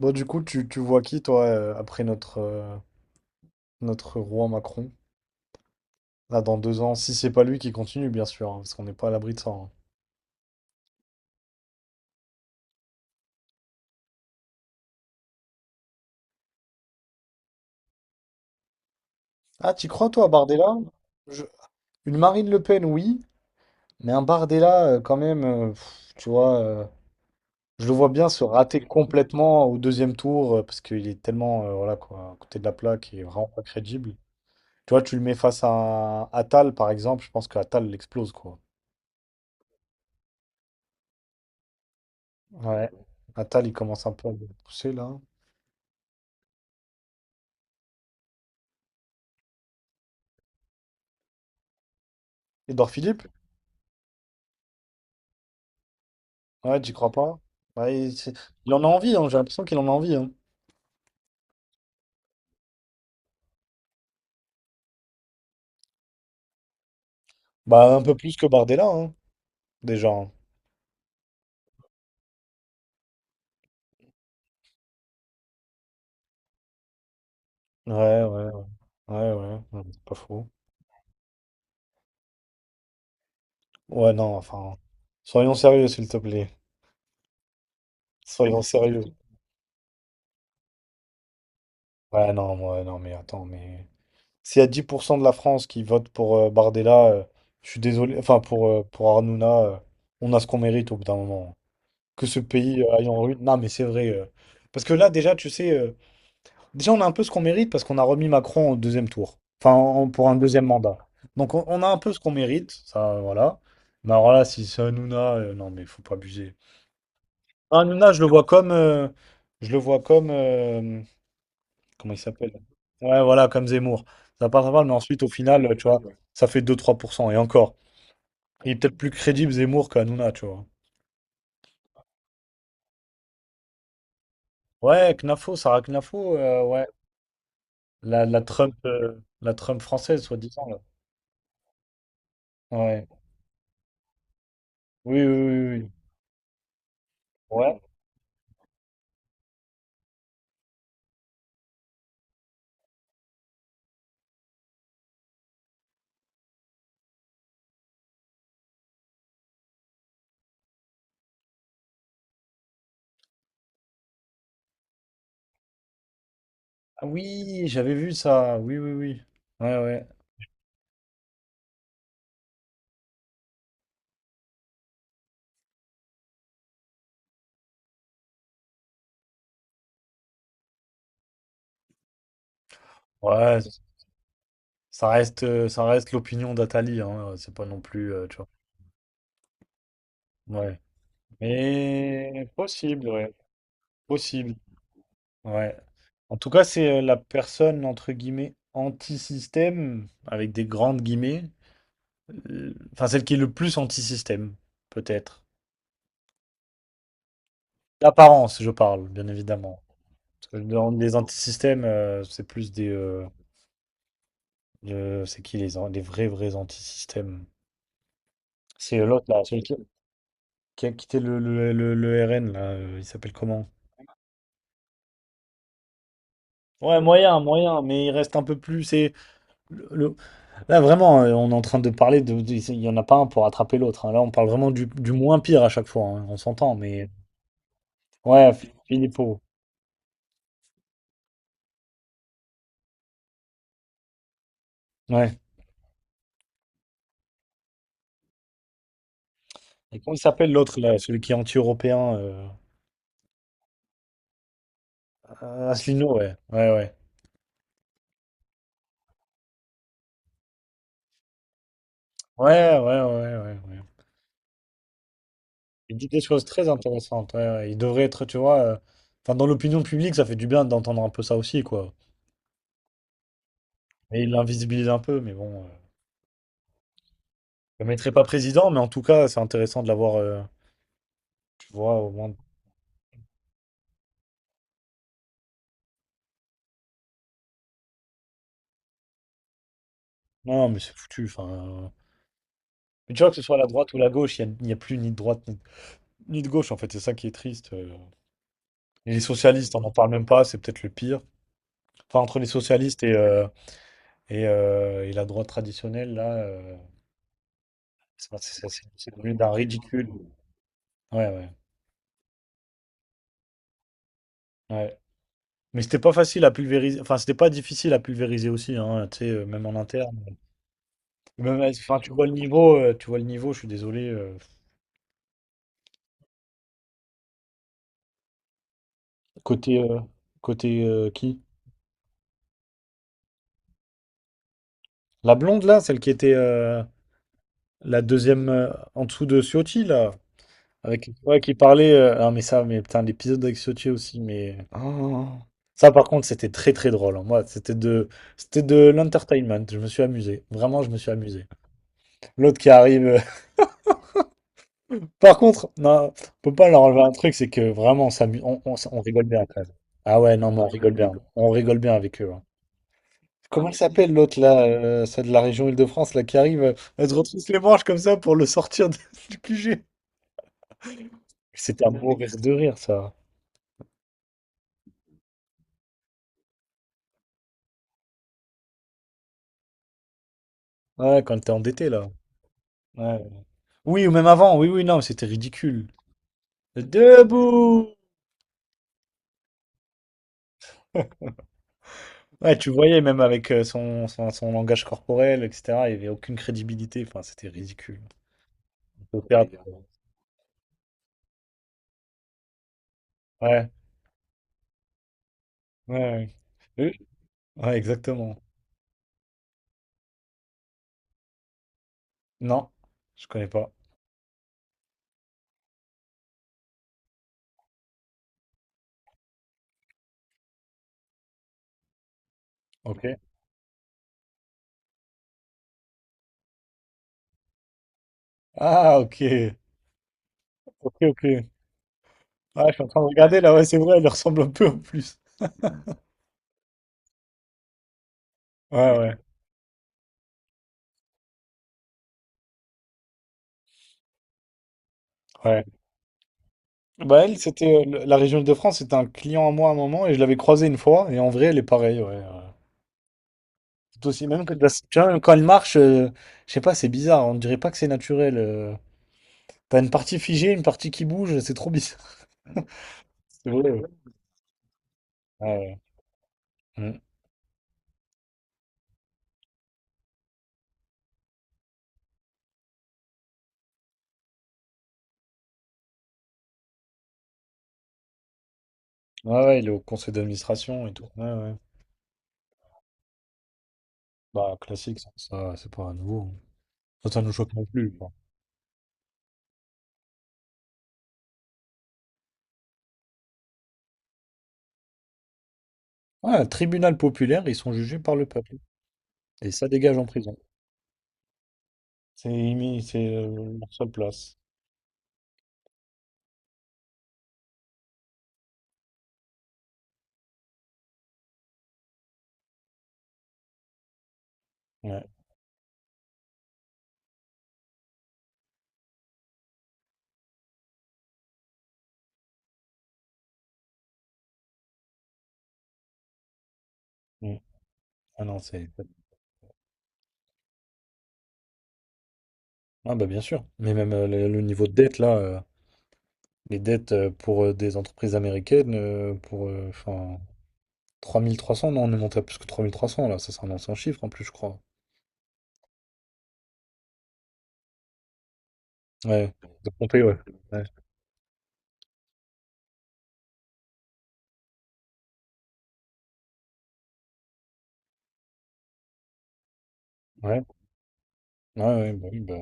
Bon, du coup, tu vois qui, toi, après notre roi Macron? Là, dans deux ans, si c'est pas lui qui continue, bien sûr, hein, parce qu'on n'est pas à l'abri de ça, hein. Ah, tu crois, toi, à Bardella? Je- Une Marine Le Pen, oui, mais un Bardella, quand même, pff, tu vois, je le vois bien se rater complètement au deuxième tour, parce qu'il est tellement, voilà, quoi, à côté de la plaque, il est vraiment pas crédible. Tu vois, tu le mets face à un Attal, par exemple, je pense que Attal l'explose, quoi. Ouais. Attal, il commence un peu à le pousser, là. Edouard Philippe? Ouais, j'y crois pas. Bah, il en a envie, hein, j'ai l'impression qu'il en a envie, hein. Bah, un peu plus que Bardella, hein, déjà, hein. Ouais, ouais, ouais, ouais, ouais, ouais, c'est pas faux. Ouais, non, enfin, soyons sérieux, s'il te plaît. Soyons sérieux. Ouais, non, ouais, non, mais attends, mais... S'il y a 10% de la France qui vote pour Bardella, je suis désolé, enfin, pour Hanouna, on a ce qu'on mérite au bout d'un moment. Que ce pays aille en ruine, non, mais c'est vrai. Parce que là, déjà, déjà, on a un peu ce qu'on mérite parce qu'on a remis Macron au deuxième tour. Enfin, pour un deuxième mandat. Donc, on a un peu ce qu'on mérite. Ça, voilà. Mais alors là, si c'est Hanouna, non, mais faut pas abuser. Hanouna, je le vois comme. Je le vois comme. Comment il s'appelle? Ouais, voilà, comme Zemmour. Ça passe pas mal, mais ensuite, au final, tu vois, ça fait 2 à 3%. Et encore. Il est peut-être plus crédible Zemmour qu'Hanouna, tu vois. Ouais, Knafo, Sarah Knafo, ouais. La Trump, la Trump française, soi-disant, là. Ouais. Oui, oui, oui, oui, oui. Ouais. Ah oui, j'avais vu ça. Oui, oui, oui. Ouais, ouais. Ouais, c- ça reste l'opinion d'Atali, hein. C'est pas non plus, tu vois. Ouais. Mais possible, ouais. Possible. Ouais. En tout cas, c'est la personne, entre guillemets, anti-système, avec des grandes guillemets. Enfin, celle qui est le plus anti-système, peut-être. D'apparence, je parle, bien évidemment. Parce que dans les anti-systèmes, c'est plus des... c'est qui les, les vrais, vrais anti-systèmes? C'est l'autre là, qui a quitté le RN là, il s'appelle comment? Ouais, moyen, moyen, mais il reste un peu plus. C'est le- le- là vraiment, on est en train de parler de il y en a pas un pour rattraper l'autre, hein. Là, on parle vraiment du moins pire à chaque fois, hein. On s'entend, mais ouais, Philippot. Ouais. Et comment il s'appelle l'autre là, celui qui est anti-européen? Asselineau, ouais, ouais, ouais, ouais, ouais, ouais, ouais, ouais. Il dit des choses très intéressantes. Ouais, ouais. Il devrait être, tu vois, enfin dans l'opinion publique, ça fait du bien d'entendre un peu ça aussi, quoi. Mais il l'invisibilise un peu, mais bon. Je le mettrai pas président, mais en tout cas, c'est intéressant de l'avoir, tu vois, au moins. Non, mais c'est foutu. Enfin, euh, mais tu vois, que ce soit la droite ou la gauche, y a plus ni de droite ni, ni de gauche, en fait. C'est ça qui est triste. Et les socialistes, on n'en parle même pas, c'est peut-être le pire. Enfin, entre les socialistes et, et la droite traditionnelle, là, euh, c'est devenu d'un ridicule. Ouais, ouais, ouais. Mais c'était pas facile à pulvériser. Enfin, c'était pas difficile à pulvériser aussi, hein, tu sais, même en interne. Même, enfin, tu vois le niveau, je suis désolé. Côté, euh, côté qui? La blonde là, celle qui était la deuxième en dessous de Ciotti là, avec ouais, qui parlait. Non mais ça, mais putain, l'épisode avec Ciotti aussi, mais oh. Ça par contre c'était très très drôle, hein. Moi, c'était de l'entertainment. Je me suis amusé, vraiment, je me suis amusé. L'autre qui arrive. Par contre, non, on peut pas leur enlever un truc, c'est que vraiment on s'amuse, on rigole bien quand même. Ah ouais, non mais on rigole bien avec eux, hein. Ah, comment il s'appelle l'autre là, celle de la région Île-de-France là qui arrive, elle se retrousse les manches comme ça pour le sortir du QG. C'était à mourir de rire ça. Ouais, quand t'es endetté là. Ouais. Oui, ou même avant, oui, oui, non, mais c'était ridicule. Debout! Ouais, tu voyais même avec son, son, son langage corporel, etc. Il n'y avait aucune crédibilité. Enfin, c'était ridicule. On peut faire- ouais, ouais, ouais. Euh, ouais, exactement. Non, je connais pas. Ok. Ah, ok. Ok, ok. Ouais, je suis en train de regarder là, ouais, c'est vrai, elle lui ressemble un peu en plus. Ouais, ouais, ouais. Bah, elle, c'était la région Île-de-France, c'était un client à moi à un moment et je l'avais croisée une fois et en vrai, elle est pareille, ouais, ouais. C'est aussi, même que, tu vois, même quand elle marche, je sais pas, c'est bizarre, on dirait pas que c'est naturel. T'as une partie figée, une partie qui bouge, c'est trop bizarre. C'est vrai, ouais. Ouais, ouais. Mm. Ouais, ouais, il est au conseil d'administration et tout. Ouais, ouais. Bah, classique, ça, c'est pas nouveau. Ça nous choque non plus, quoi. Ouais, un tribunal populaire, ils sont jugés par le peuple et ça dégage en prison. C'est Imi, c'est leur seule place. Ouais. Mm. Ah non, c'est. Ah bah bien sûr. Mais même le niveau de dette, là, les dettes pour des entreprises américaines, pour. Enfin, 3 300 non, on est monté à plus que 3 3 300 là. Ça, c'est un ancien chiffre en plus, je crois. Ouais. De Pompée, ouais. Ouais. Ouais, ouais, ouais, bah oui, bah.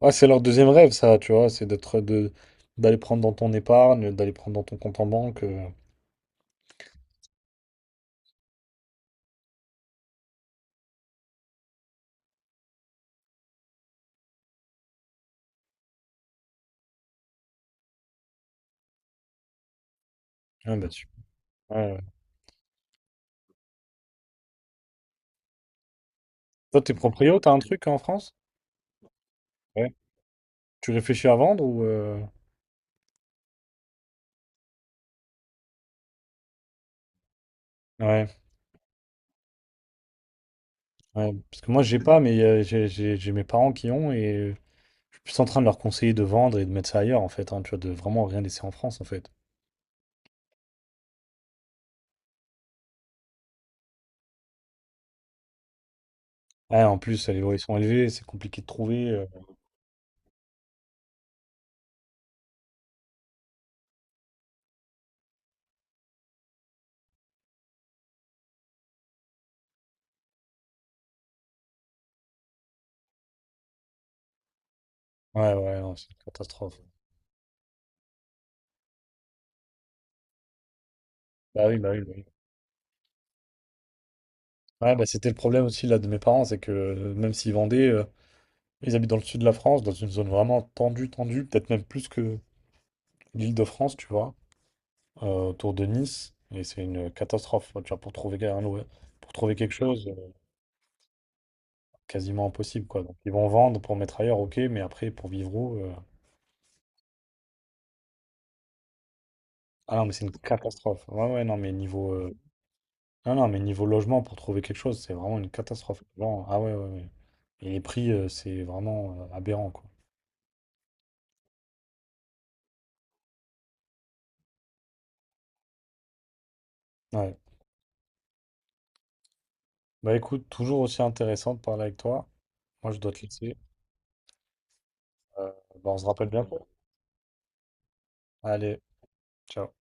Ouais, c'est leur deuxième rêve, ça, tu vois. C'est d'aller prendre dans ton épargne, d'aller prendre dans ton compte en banque. Ouais, bah, tu- ouais, ouais. Toi, t'es proprio, t'as un truc en France? Ouais. Tu réfléchis à vendre ou? Ouais, ouais, parce que moi j'ai pas, mais j'ai mes parents qui ont et je suis plus en train de leur conseiller de vendre et de mettre ça ailleurs en fait, hein, tu vois, de vraiment rien laisser en France en fait. Ouais, en plus les loyers sont élevés, c'est compliqué de trouver. Ouais, ouais, non, c'est une catastrophe. Bah oui, bah oui, bah oui. Ouais, bah c'était le problème aussi là de mes parents, c'est que même s'ils vendaient, ils habitent dans le sud de la France, dans une zone vraiment tendue, tendue, peut-être même plus que l'Île-de-France, tu vois. Autour de Nice. Et c'est une catastrophe. Tu vois, pour trouver quelque chose, quasiment impossible, quoi. Donc ils vont vendre pour mettre ailleurs, ok, mais après pour vivre où? Euh, Ah non, mais c'est une catastrophe. Ouais, ouais, non, mais niveau non, non, mais niveau logement pour trouver quelque chose, c'est vraiment une catastrophe. Bon ah ouais, ouais, ouais. Et les prix, c'est vraiment aberrant, quoi. Ouais. Bah écoute, toujours aussi intéressant de parler avec toi. Moi, je dois te laisser. Euh, bah, on se rappelle bientôt. Allez, ciao.